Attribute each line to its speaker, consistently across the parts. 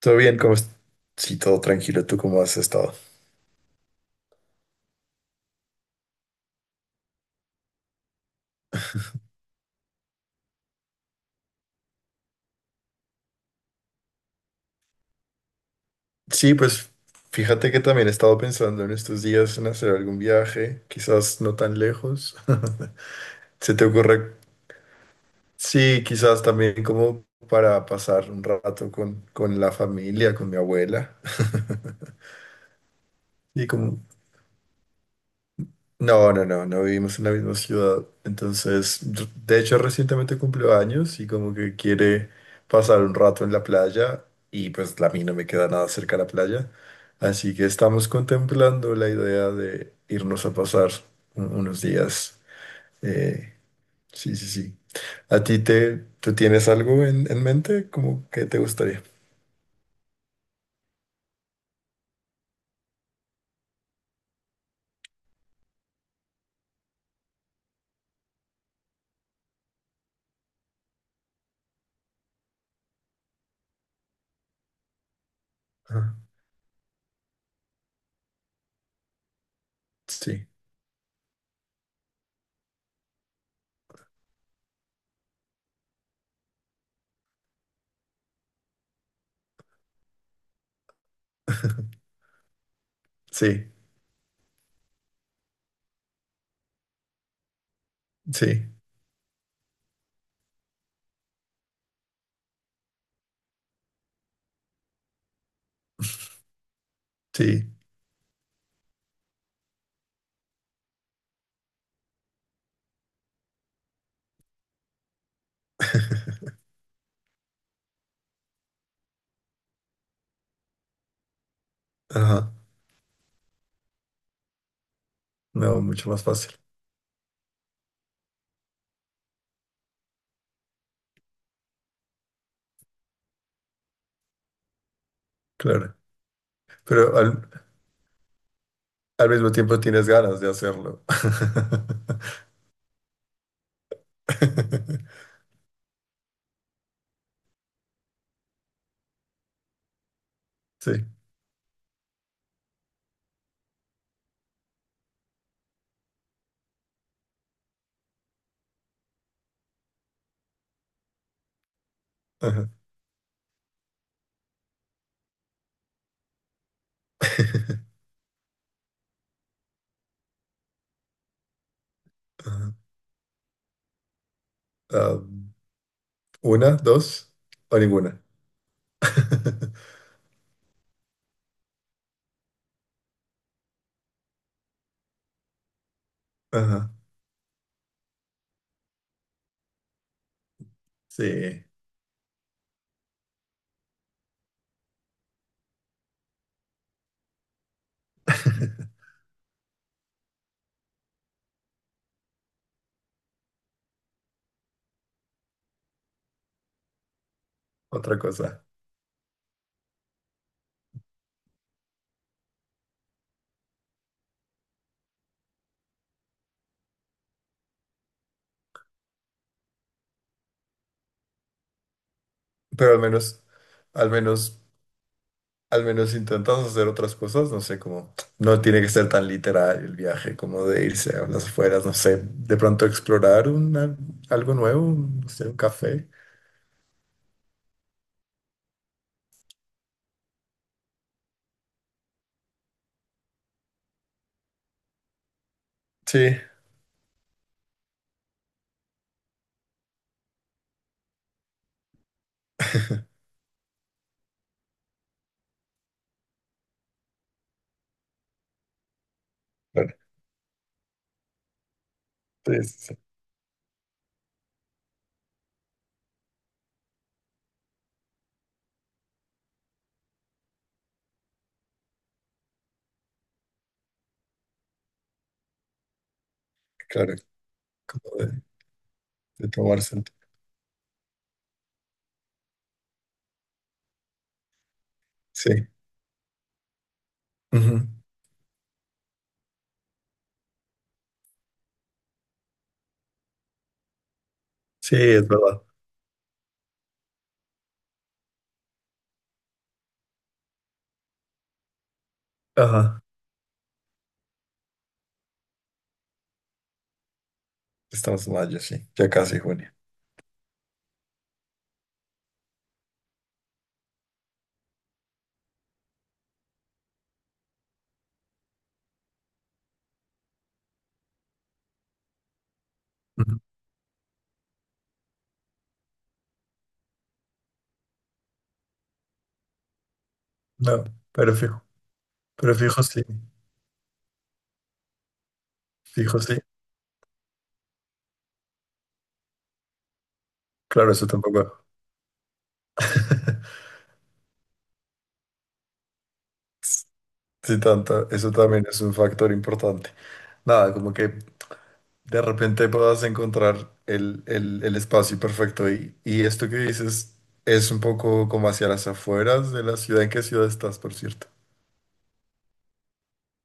Speaker 1: ¿Todo bien? Sí, todo tranquilo. ¿Tú cómo has estado? Sí, pues fíjate que también he estado pensando en estos días en hacer algún viaje, quizás no tan lejos. ¿Se te ocurre? Sí, quizás también como para pasar un rato con la familia, con mi abuela. Y como, No, no, no, no vivimos en la misma ciudad. Entonces, de hecho, recientemente cumplió años y como que quiere pasar un rato en la playa y pues la mí no me queda nada cerca a la playa. Así que estamos contemplando la idea de irnos a pasar unos días. Eh, sí, sí, sí. Tú tienes algo en mente? ¿Cómo que te gustaría? Ajá. Sí, sí, sí, sí. Ajá. No, mucho más fácil, claro. Pero al- Al mismo tiempo tienes ganas de hacerlo. Sí. Ajá, ajá. Am, una, dos o ninguna. Ajá. Sí. Otra cosa. Pero al menos, al menos, al menos intentas hacer otras cosas. No sé, como no tiene que ser tan literal el viaje, como de irse a las afueras, no sé, de pronto explorar algo nuevo, no sé, un café. Sí, claro, sí, sí, sí, claro, como de tomarse Sí. Ujú. Sí, es verdad. Ajá. Estamos en mayo, sí, ya casi junio. Ujú. No, pero fijo. Pero fijo sí. Fijo sí. Claro, eso tampoco. Sí, tanto, eso también es un factor importante. Nada, como que de repente puedas encontrar el espacio perfecto y esto que dices es un poco como hacia las afueras de la ciudad. ¿En qué ciudad estás, por cierto?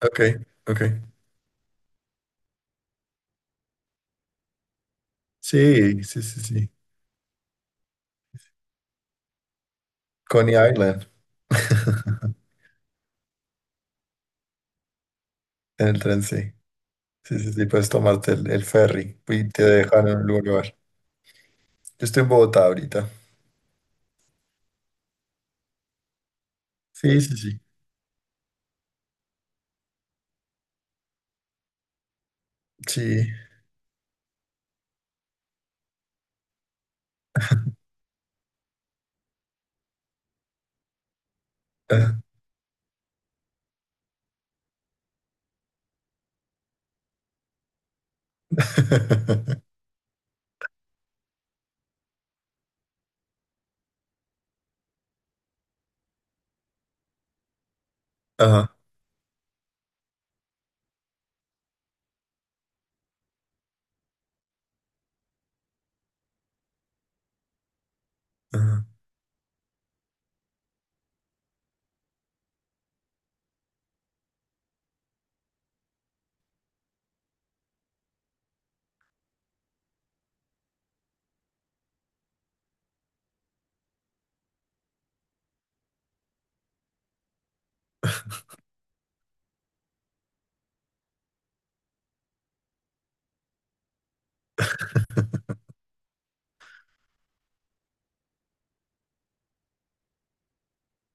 Speaker 1: Ok, ok. Sí, sí, sí, sí. Coney Island, en el tren, sí. Sí, sí, sí, puedes tomarte el ferry y te dejan en un lugar. Yo estoy en Bogotá ahorita. Sí, sí, sí. Sí. Ajá, ajá. Ajá.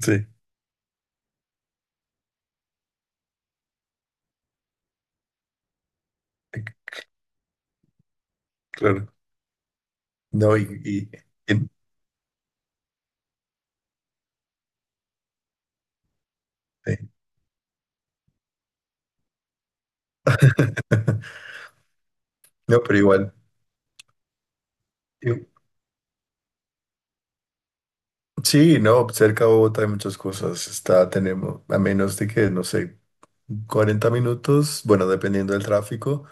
Speaker 1: Sí, eh, claro. No, y- sí. No, pero igual. y- Sí, no, cerca de Bogotá hay muchas cosas. Está, tenemos, a menos de que, no sé, 40 minutos, bueno, dependiendo del tráfico,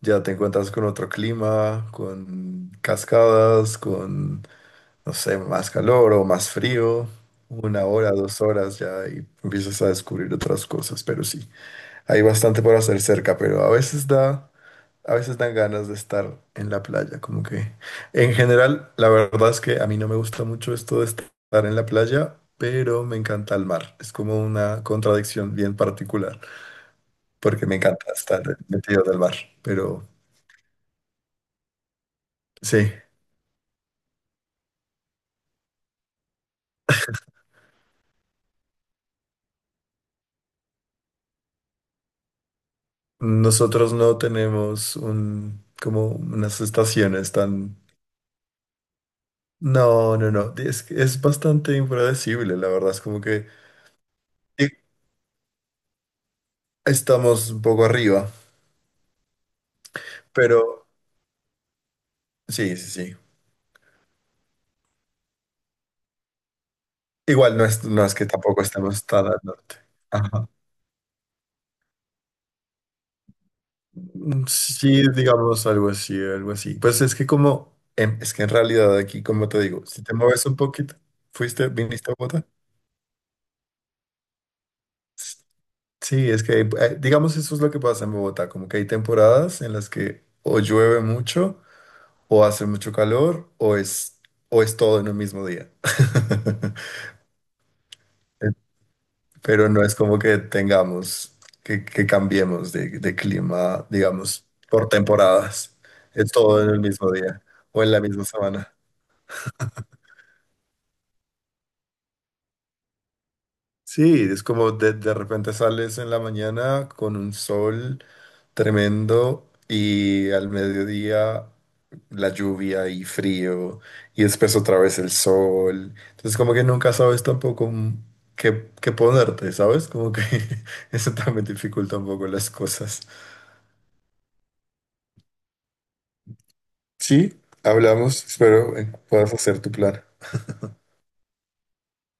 Speaker 1: ya te encuentras con otro clima, con cascadas, con no sé, más calor o más frío, una hora, 2 horas ya y empiezas a descubrir otras cosas, pero sí, hay bastante por hacer cerca, pero a veces dan ganas de estar en la playa, como que en general, la verdad es que a mí no me gusta mucho esto de estar en la playa, pero me encanta el mar, es como una contradicción bien particular, porque me encanta estar metido en el mar, pero sí. Nosotros no tenemos como unas estaciones tan. No, no, no. Es bastante impredecible, la verdad. Es como que i- estamos un poco arriba, pero sí, sí, sí. Igual no es que tampoco estemos tan al norte. Ajá. Sí, digamos algo así, algo así. Pues es que como, es que en realidad aquí, como te digo, si te mueves un poquito, viniste a Bogotá. S- Sí, es que, digamos, eso es lo que pasa en Bogotá, como que hay temporadas en las que o llueve mucho, o hace mucho calor o es, todo en un mismo día. Eh, Pero no es como que tengamos, que cambiemos de clima, digamos, por temporadas. Es todo en el mismo día o en la misma semana. Sí, es como de repente sales en la mañana con un sol. Tremendo. Y al mediodía la lluvia y frío. Y después otra vez el sol. Entonces como que nunca sabes tampoco qué ponerte, ¿sabes? Como que eso también dificulta un poco las cosas. Sí, hablamos. Espero puedas hacer tu plan.